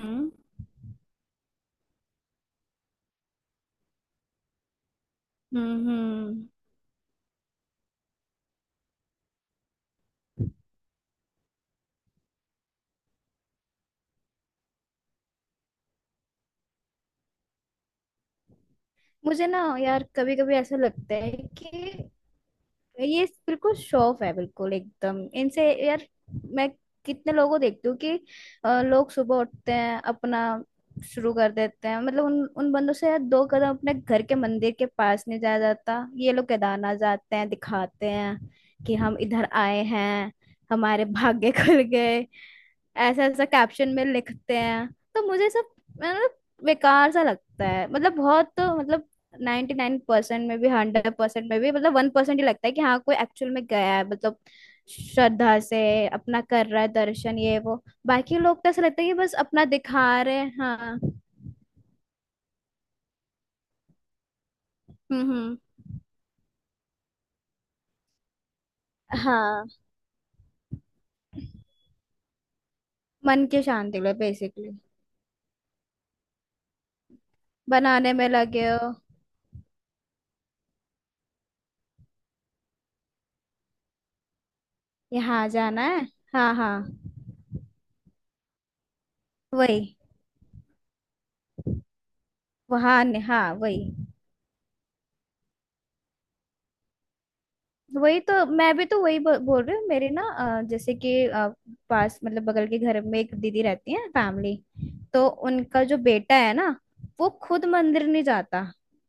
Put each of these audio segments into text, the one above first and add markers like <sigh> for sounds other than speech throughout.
हम्म हम्म हम्म। मुझे ना यार कभी कभी ऐसा लगता है कि ये बिल्कुल शो ऑफ है बिल्कुल एकदम इनसे यार। मैं कितने लोगों को देखती हूँ कि लोग सुबह उठते हैं अपना शुरू कर देते हैं मतलब उन उन बंदों से यार 2 कदम अपने घर के मंदिर के पास नहीं जाया जाता। ये लोग केदारनाथ जाते हैं दिखाते हैं कि हम इधर आए हैं हमारे भाग्य <laughs> खुल गए। ऐसा ऐसा कैप्शन में लिखते हैं तो मुझे सब मतलब बेकार सा लगता है मतलब बहुत मतलब 99% में भी 100% में भी मतलब 1% ही लगता है कि हाँ कोई एक्चुअल में गया है मतलब श्रद्धा से अपना कर रहा है दर्शन ये वो बाकी लोग तो ऐसा लगता है कि बस अपना दिखा रहे हैं। हाँ। हम्म। हाँ। मन की शांति लो बेसिकली। बनाने में लगे हो। यहाँ जाना है। हाँ हाँ। वही। वहाँ हाँ वही। वही तो मैं भी तो वही बोल रही हूँ मेरे ना। जैसे कि पास मतलब बगल के घर में एक दीदी रहती है फैमिली। तो उनका जो बेटा है ना वो खुद मंदिर नहीं जाता।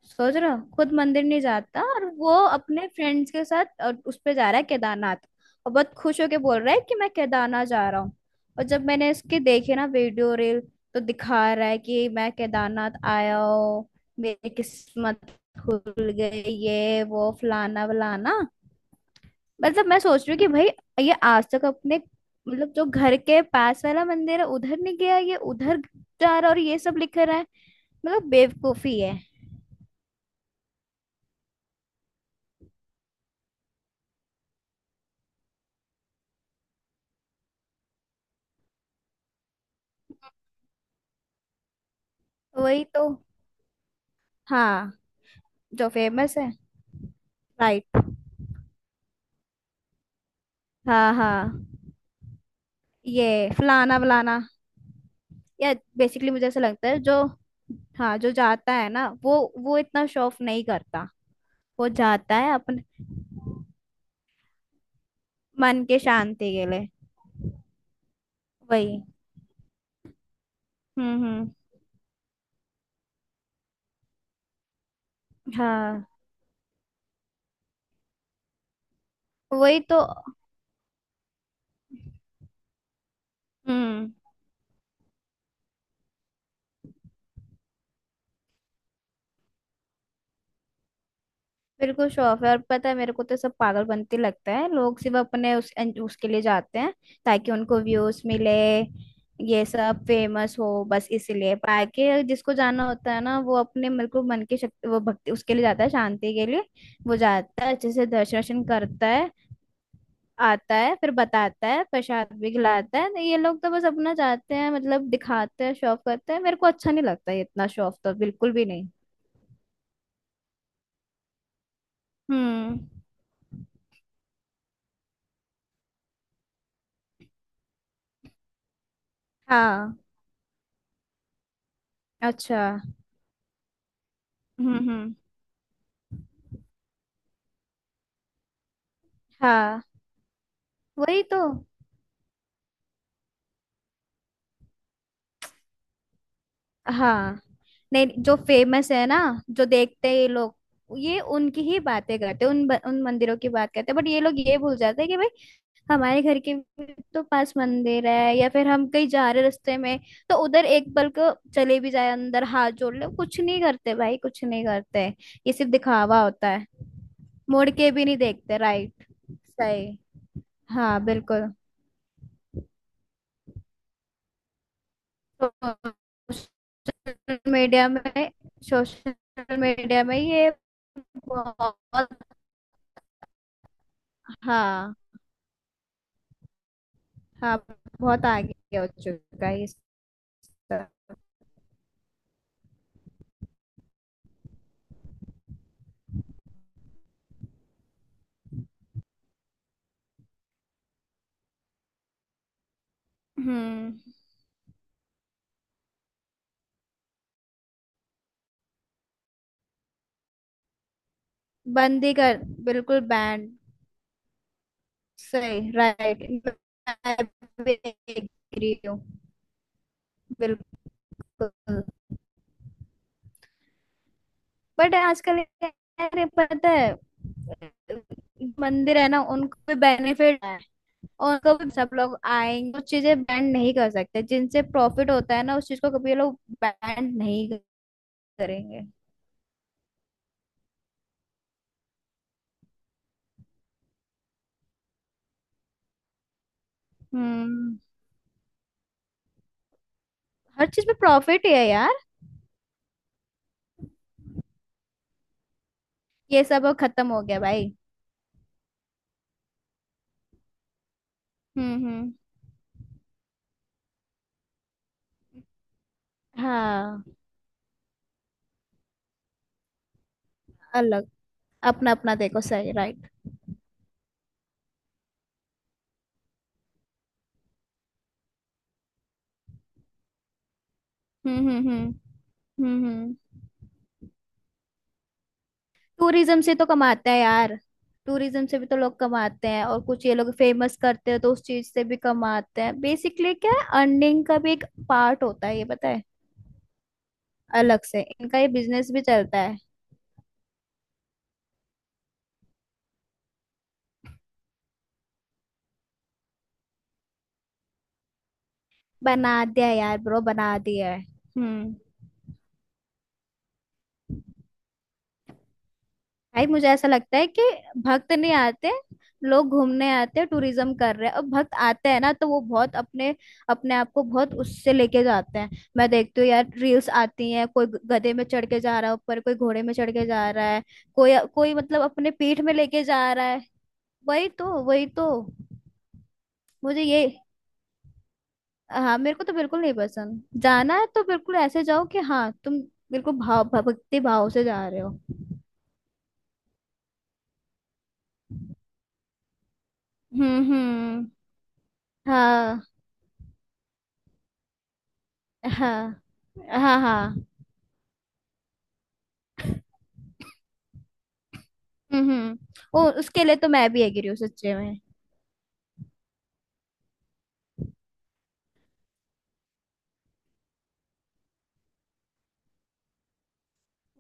सोच रहे हो खुद मंदिर नहीं जाता और वो अपने फ्रेंड्स के साथ और उस पे जा रहा है केदारनाथ। और बहुत खुश होके बोल रहा है कि मैं केदारनाथ जा रहा हूँ। और जब मैंने इसके देखे ना वीडियो रील तो दिखा रहा है कि मैं केदारनाथ आया हूँ। मेरी किस्मत खुल गई ये वो फलाना वलाना। मतलब मैं सोच रही हूँ कि भाई ये आज तक अपने मतलब जो घर के पास वाला मंदिर है उधर नहीं गया ये उधर जा रहा और ये सब लिख रहा है। मतलब बेवकूफी है। वही तो। हाँ जो फेमस है। राइट। हाँ हाँ। ये फलाना वलाना या बेसिकली मुझे ऐसा लगता है जो हाँ जो जाता है ना वो इतना शो ऑफ नहीं करता। वो जाता है अपने मन के शांति के लिए। वही। हम्म। हाँ। वही तो। हम्म। बिल्कुल शो ऑफ है और पता है मेरे को तो सब पागल बनते लगता है लोग सिर्फ अपने उस उसके लिए जाते हैं ताकि उनको व्यूज मिले। ये सब फेमस हो बस इसीलिए बाकी जिसको जाना होता है ना वो अपने बिल्कुल मन की शक्ति वो भक्ति उसके लिए जाता है शांति के लिए। वो जाता है अच्छे से दर्शन वर्शन करता है। आता है फिर बताता है प्रसाद भी खिलाता है तो ये लोग तो बस अपना जाते हैं मतलब दिखाते हैं शो ऑफ करते हैं मेरे को अच्छा नहीं लगता ये इतना शो ऑफ तो बिल्कुल भी नहीं। हम्म। हाँ। अच्छा। हम्म। हाँ। वही तो। हाँ नहीं जो फेमस है ना जो देखते हैं ये लोग ये उनकी ही बातें करते हैं उन मंदिरों की बात करते हैं बट ये लोग ये भूल जाते हैं कि भाई हमारे घर के भी तो पास मंदिर है या फिर हम कहीं जा रहे रास्ते में तो उधर एक पल को चले भी जाए अंदर हाथ जोड़ ले कुछ नहीं करते भाई कुछ नहीं करते। ये सिर्फ दिखावा होता है। मुड़ के भी नहीं देखते। राइट। सही। हाँ बिल्कुल। सोशल मीडिया में। सोशल मीडिया में ये बहुत। हाँ हाँ। बहुत आगे हो चुका है इस तरह। हम्म। बंदी कर। बिल्कुल बैंड। सही राइट। मैं भी agree हूँ। बिल्कुल। बट आजकल यार ये पता है मंदिर है ना उनको भी बेनिफिट है। और कभी सब लोग आएंगे वो चीजें बैंड नहीं कर सकते जिनसे प्रॉफिट होता है ना उस चीज को कभी ये लोग बैंड नहीं करेंगे। हम्म। हर चीज में प्रॉफिट ही है यार। ये सब अब खत्म हो गया भाई। हम्म। हाँ। अलग। अपना अपना देखो। सही राइट। हम्म हम्म हम्म हम्म। टूरिज्म से तो कमाते हैं यार। टूरिज्म से भी तो लोग कमाते हैं और कुछ ये लोग फेमस करते हैं तो उस चीज से भी कमाते हैं बेसिकली क्या है अर्निंग का भी एक पार्ट होता है ये पता है। अलग से इनका ये बिजनेस भी चलता है। बना दिया है यार ब्रो बना दिया है। हम्म। भाई मुझे ऐसा लगता है कि भक्त नहीं आते लोग घूमने आते हैं टूरिज्म कर रहे हैं और भक्त आते हैं ना तो वो बहुत अपने अपने आप को बहुत उससे लेके जाते हैं। मैं देखती हूँ यार रील्स आती हैं कोई गधे में चढ़ के जा रहा है ऊपर कोई घोड़े में चढ़ के जा रहा है कोई कोई मतलब अपने पीठ में लेके जा रहा है। वही तो वही तो। मुझे ये हाँ मेरे को तो बिल्कुल नहीं पसंद जाना है तो बिल्कुल ऐसे जाओ कि हाँ तुम बिल्कुल भाव भक्ति भाव से जा रहे हो। हम्म। हाँ हाँ हाँ हाँ। हम्म। ओ उसके लिए तो मैं भी एग्री हूँ सच्चे में।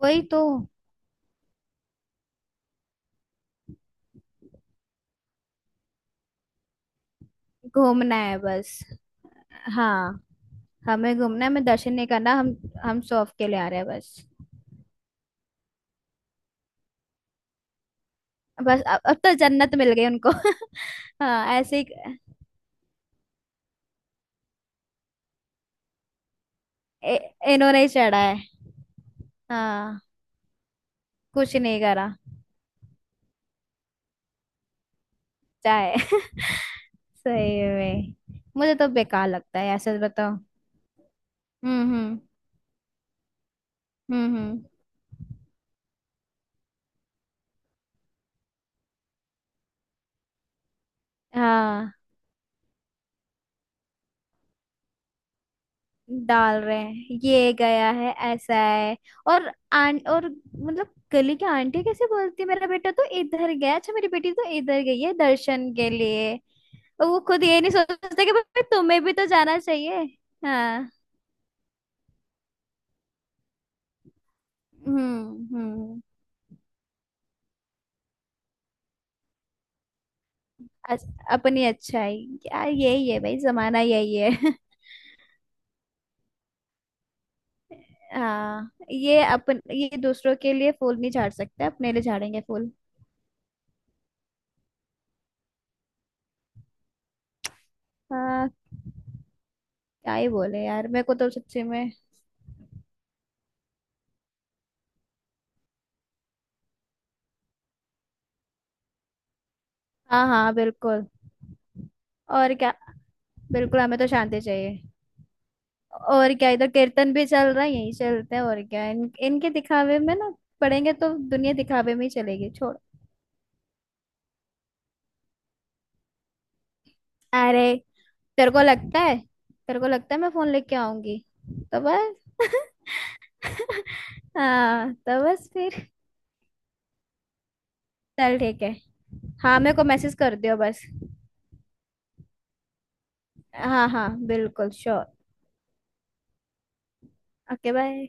वही तो। घूमना है बस। हाँ। हमें घूमना है हमें दर्शन नहीं करना हम शौक के लिए आ रहे हैं बस। बस अब तो जन्नत मिल गई उनको <laughs> हाँ ऐसे ही। इन्होंने ही चढ़ा है। हाँ। कुछ नहीं करा। चाहे सही में मुझे तो बेकार लगता है ऐसे बताओ। हम्म हम्म हम्म। हाँ। डाल रहे हैं ये गया है ऐसा है। और आं और मतलब गली की आंटी कैसे बोलती है मेरा बेटा तो इधर गया अच्छा मेरी बेटी तो इधर गई है दर्शन के लिए। और वो खुद ये नहीं सोचते कि भाई तुम्हें भी तो जाना चाहिए। हाँ। हम्म। अपनी अच्छाई। यार यही है भाई जमाना यही है <laughs> हाँ ये अपन ये दूसरों के लिए फूल नहीं झाड़ सकते अपने लिए झाड़ेंगे फूल। हाँ। क्या ही बोले यार मेरे को तो सच्ची में। हाँ हाँ बिल्कुल। और क्या। बिल्कुल हमें तो शांति चाहिए। और क्या इधर कीर्तन भी चल रहा है यही चलते हैं और क्या इनके दिखावे में ना पड़ेंगे तो दुनिया दिखावे में ही चलेगी छोड़। अरे। तेरे को लगता है। तेरे को लगता है मैं फोन लेके आऊंगी। तो बस <laughs> हाँ तो बस फिर। चल ठीक है। हाँ मेरे को मैसेज कर दियो बस। हाँ हाँ बिल्कुल श्योर। Okay bye.